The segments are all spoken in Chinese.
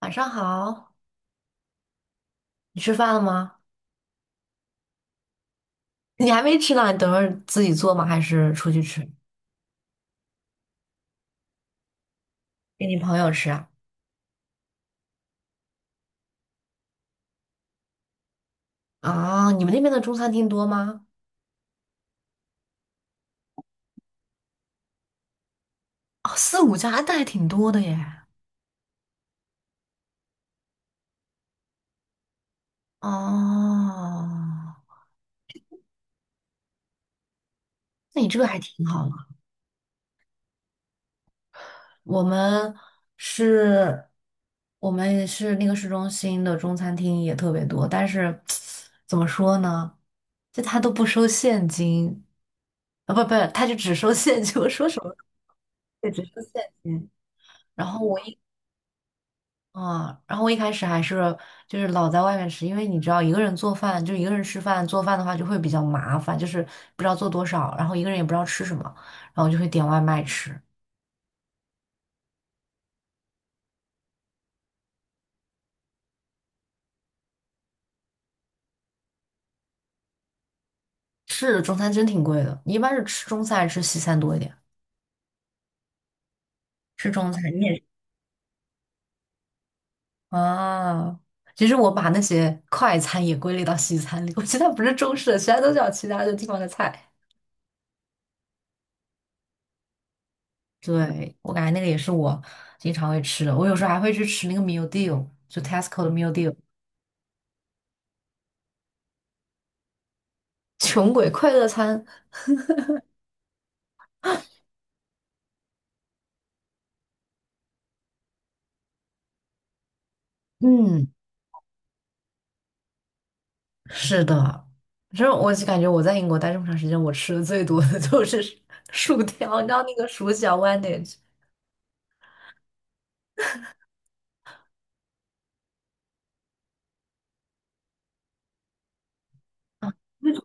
晚上好，你吃饭了吗？你还没吃呢，你等会儿自己做吗？还是出去吃？给你朋友吃啊？啊，你们那边的中餐厅多吗？哦，四五家，那还挺多的耶。哦，那你这个还挺好的。我们是，我们是那个市中心的中餐厅也特别多，但是 怎么说呢？就他都不收现金，啊，不不，他就只收现金。我说什么？对，只收现金。然后我一啊，然后我一开始还是就是老在外面吃，因为你知道一个人做饭，就一个人吃饭做饭的话就会比较麻烦，就是不知道做多少，然后一个人也不知道吃什么，然后就会点外卖吃。是中餐真挺贵的，你一般是吃中餐还是吃西餐多一点？吃中餐，你也是啊？其实我把那些快餐也归类到西餐里，我觉得它不是中式的，其他都叫其他的地方的菜。对，我感觉那个也是我经常会吃的，我有时候还会去吃那个 meal deal，就 Tesco 的 meal deal。穷鬼快乐餐，嗯，是的，反正我就感觉我在英国待这么长时间，我吃的最多的 就是薯条，你知道那个薯角 （sandwich） 那种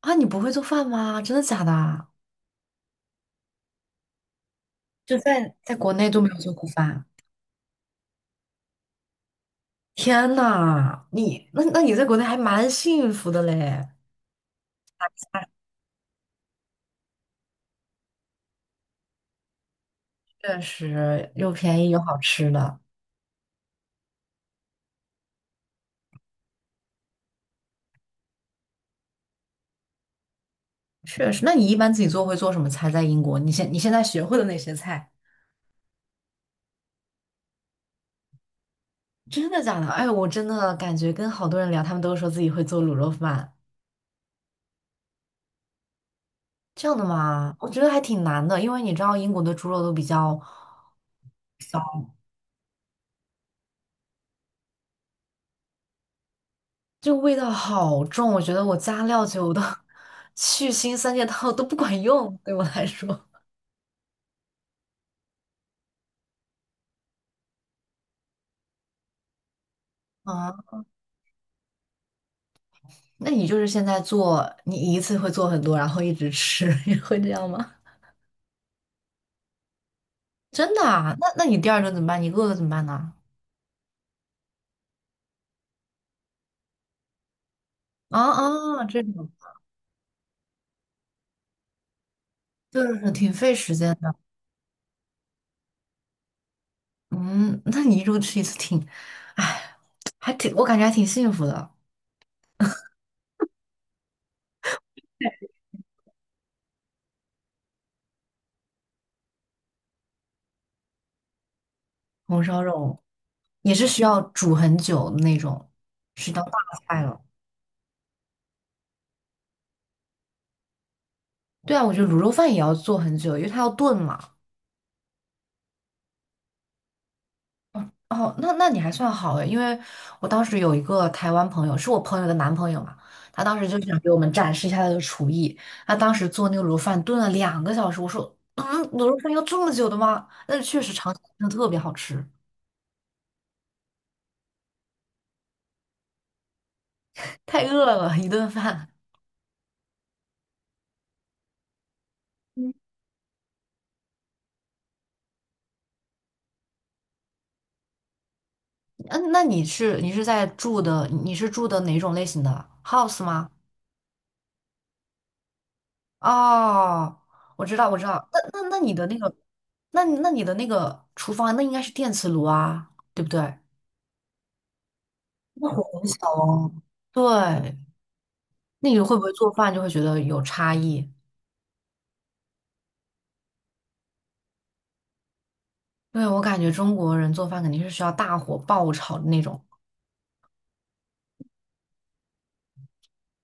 啊？你不会做饭吗？真的假的啊就在国内都没有做过饭，天呐，你那你在国内还蛮幸福的嘞，确实又便宜又好吃的，确实。那你一般自己做会做什么菜？在英国，你现在学会的那些菜？真的假的？哎，我真的感觉跟好多人聊，他们都说自己会做卤肉饭，这样的吗？我觉得还挺难的，因为你知道英国的猪肉都比较，就味道好重，我觉得我加料酒的 去腥三件套都不管用，对我来说。啊，那你就是现在做，你一次会做很多，然后一直吃，你会这样吗？真的啊？那你第二顿怎么办？你饿了怎么办呢？啊啊，这种就是挺费时间的。嗯，那你一周吃一次挺，哎，还挺，我感觉还挺幸福的。红烧肉也是需要煮很久的那种，是道大菜了。对啊，我觉得卤肉饭也要做很久，因为它要炖嘛。哦，那你还算好诶，因为我当时有一个台湾朋友，是我朋友的男朋友嘛，他当时就想给我们展示一下他的厨艺。他当时做那个卤肉饭炖了2个小时，我说，嗯，卤肉饭要这么久的吗？但是确实尝起来真的特别好吃，太饿了，一顿饭。嗯，那你是在住的，你是住的哪种类型的 house 吗？哦，我知道，我知道。那那你的那个，那你的那个厨房，那应该是电磁炉啊，对不对？那火很小哦。对，那你会不会做饭就会觉得有差异？对，我感觉中国人做饭肯定是需要大火爆炒的那种。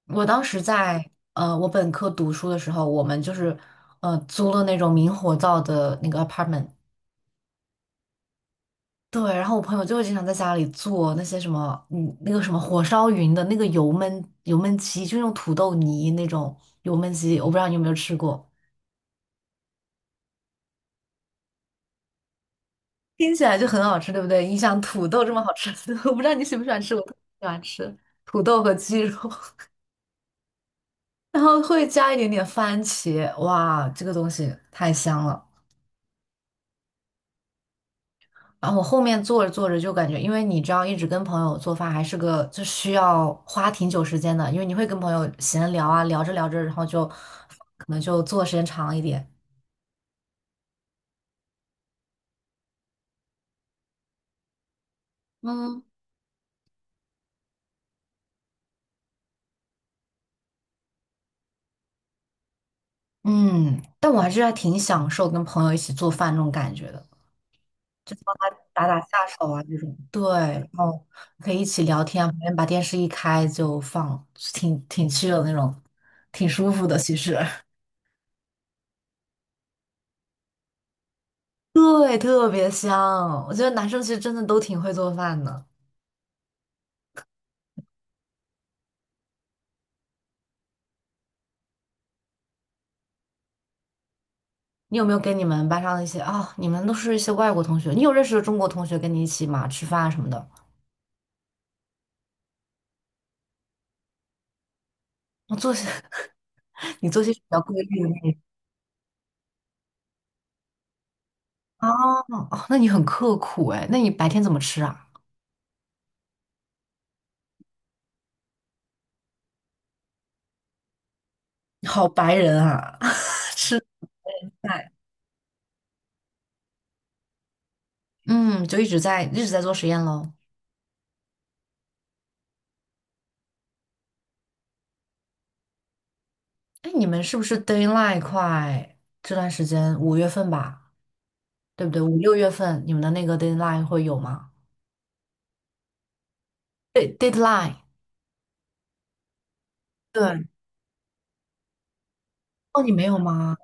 我当时在我本科读书的时候，我们就是租了那种明火灶的那个 apartment。对，然后我朋友就会经常在家里做那些什么，嗯，那个什么火烧云的那个油焖鸡，就用土豆泥那种油焖鸡，我不知道你有没有吃过，听起来就很好吃，对不对？你想土豆这么好吃的 我不知道你喜不喜欢吃，我特别喜欢吃土豆和鸡肉，然后会加一点点番茄，哇，这个东西太香了。然后我后面做着做着就感觉，因为你知道，一直跟朋友做饭还是个就需要花挺久时间的，因为你会跟朋友闲聊啊，聊着聊着，然后就可能就做的时间长一点。嗯，嗯，但我还是还挺享受跟朋友一起做饭那种感觉的，就是帮他打打下手啊这种。对，然后可以一起聊天啊，旁边把电视一开就放，挺 c 的那种，挺舒服的。其实，对，特别香。我觉得男生其实真的都挺会做饭的。你有没有跟你们班上的一些啊、你们都是一些外国同学，你有认识的中国同学跟你一起嘛吃饭啊什么的？我做些，你做些比较规律的那种哦哦，那你很刻苦哎，那你白天怎么吃啊？好白人啊，吃饭。嗯，就一直在做实验喽。哎，你们是不是 deadline 快？这段时间5月份吧，对不对？五六月份你们的那个 deadline 会有吗？对，deadline，对，哦，你没有吗？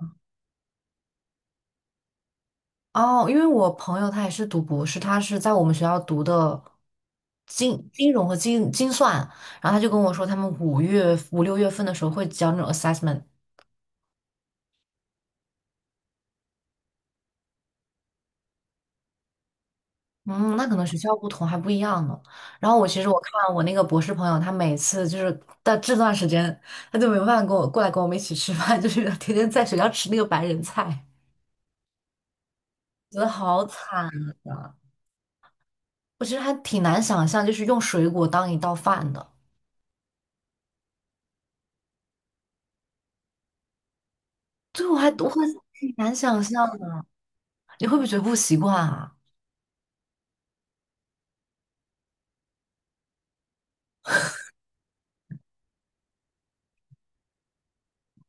哦，因为我朋友他也是读博士，他是在我们学校读的金融和金算，然后他就跟我说，他们5月、5、6月份的时候会交那种 assessment。嗯，那可能学校不同还不一样呢。然后我其实我看我那个博士朋友，他每次就是到这段时间，他就没有办法跟我过来跟我们一起吃饭，就是天天在学校吃那个白人菜，觉得好惨啊！我其实还挺难想象，就是用水果当一道饭的。对，我会挺难想象。你会不会觉得不习惯啊？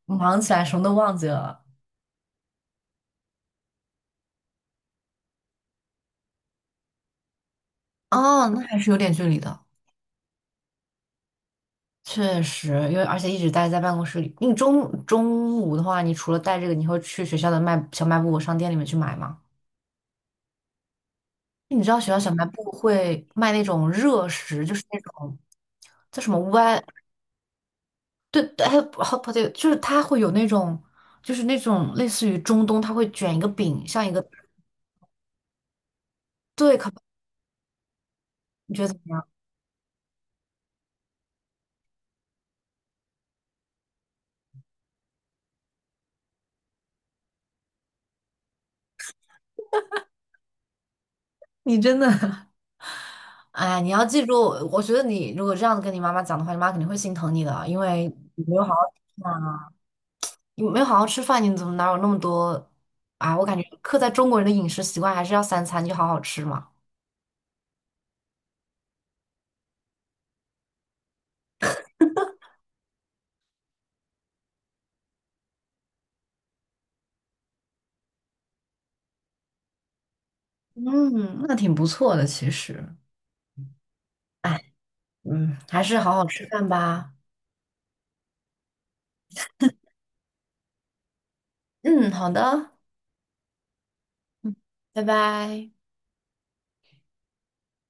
忙起来什么都忘记了。哦，那还是有点距离的，确实，因为而且一直待在办公室里。你中午的话，你除了带这个，你会去学校的卖小卖部商店里面去买吗？你知道学校小卖部会卖那种热食，就是那种叫什么歪，对对，还有 h o 就是它会有那种，就是那种类似于中东，它会卷一个饼，像一个对，可你觉得怎么样？你真的 哎，你要记住，我觉得你如果这样子跟你妈妈讲的话，你妈肯定会心疼你的，因为你没有好好吃饭啊你没有好好吃饭，你怎么哪有那么多啊？我感觉刻在中国人的饮食习惯还是要三餐就好好吃嘛。嗯，那挺不错的，其实。哎，嗯，还是好好吃饭吧。嗯，好的，嗯，拜拜。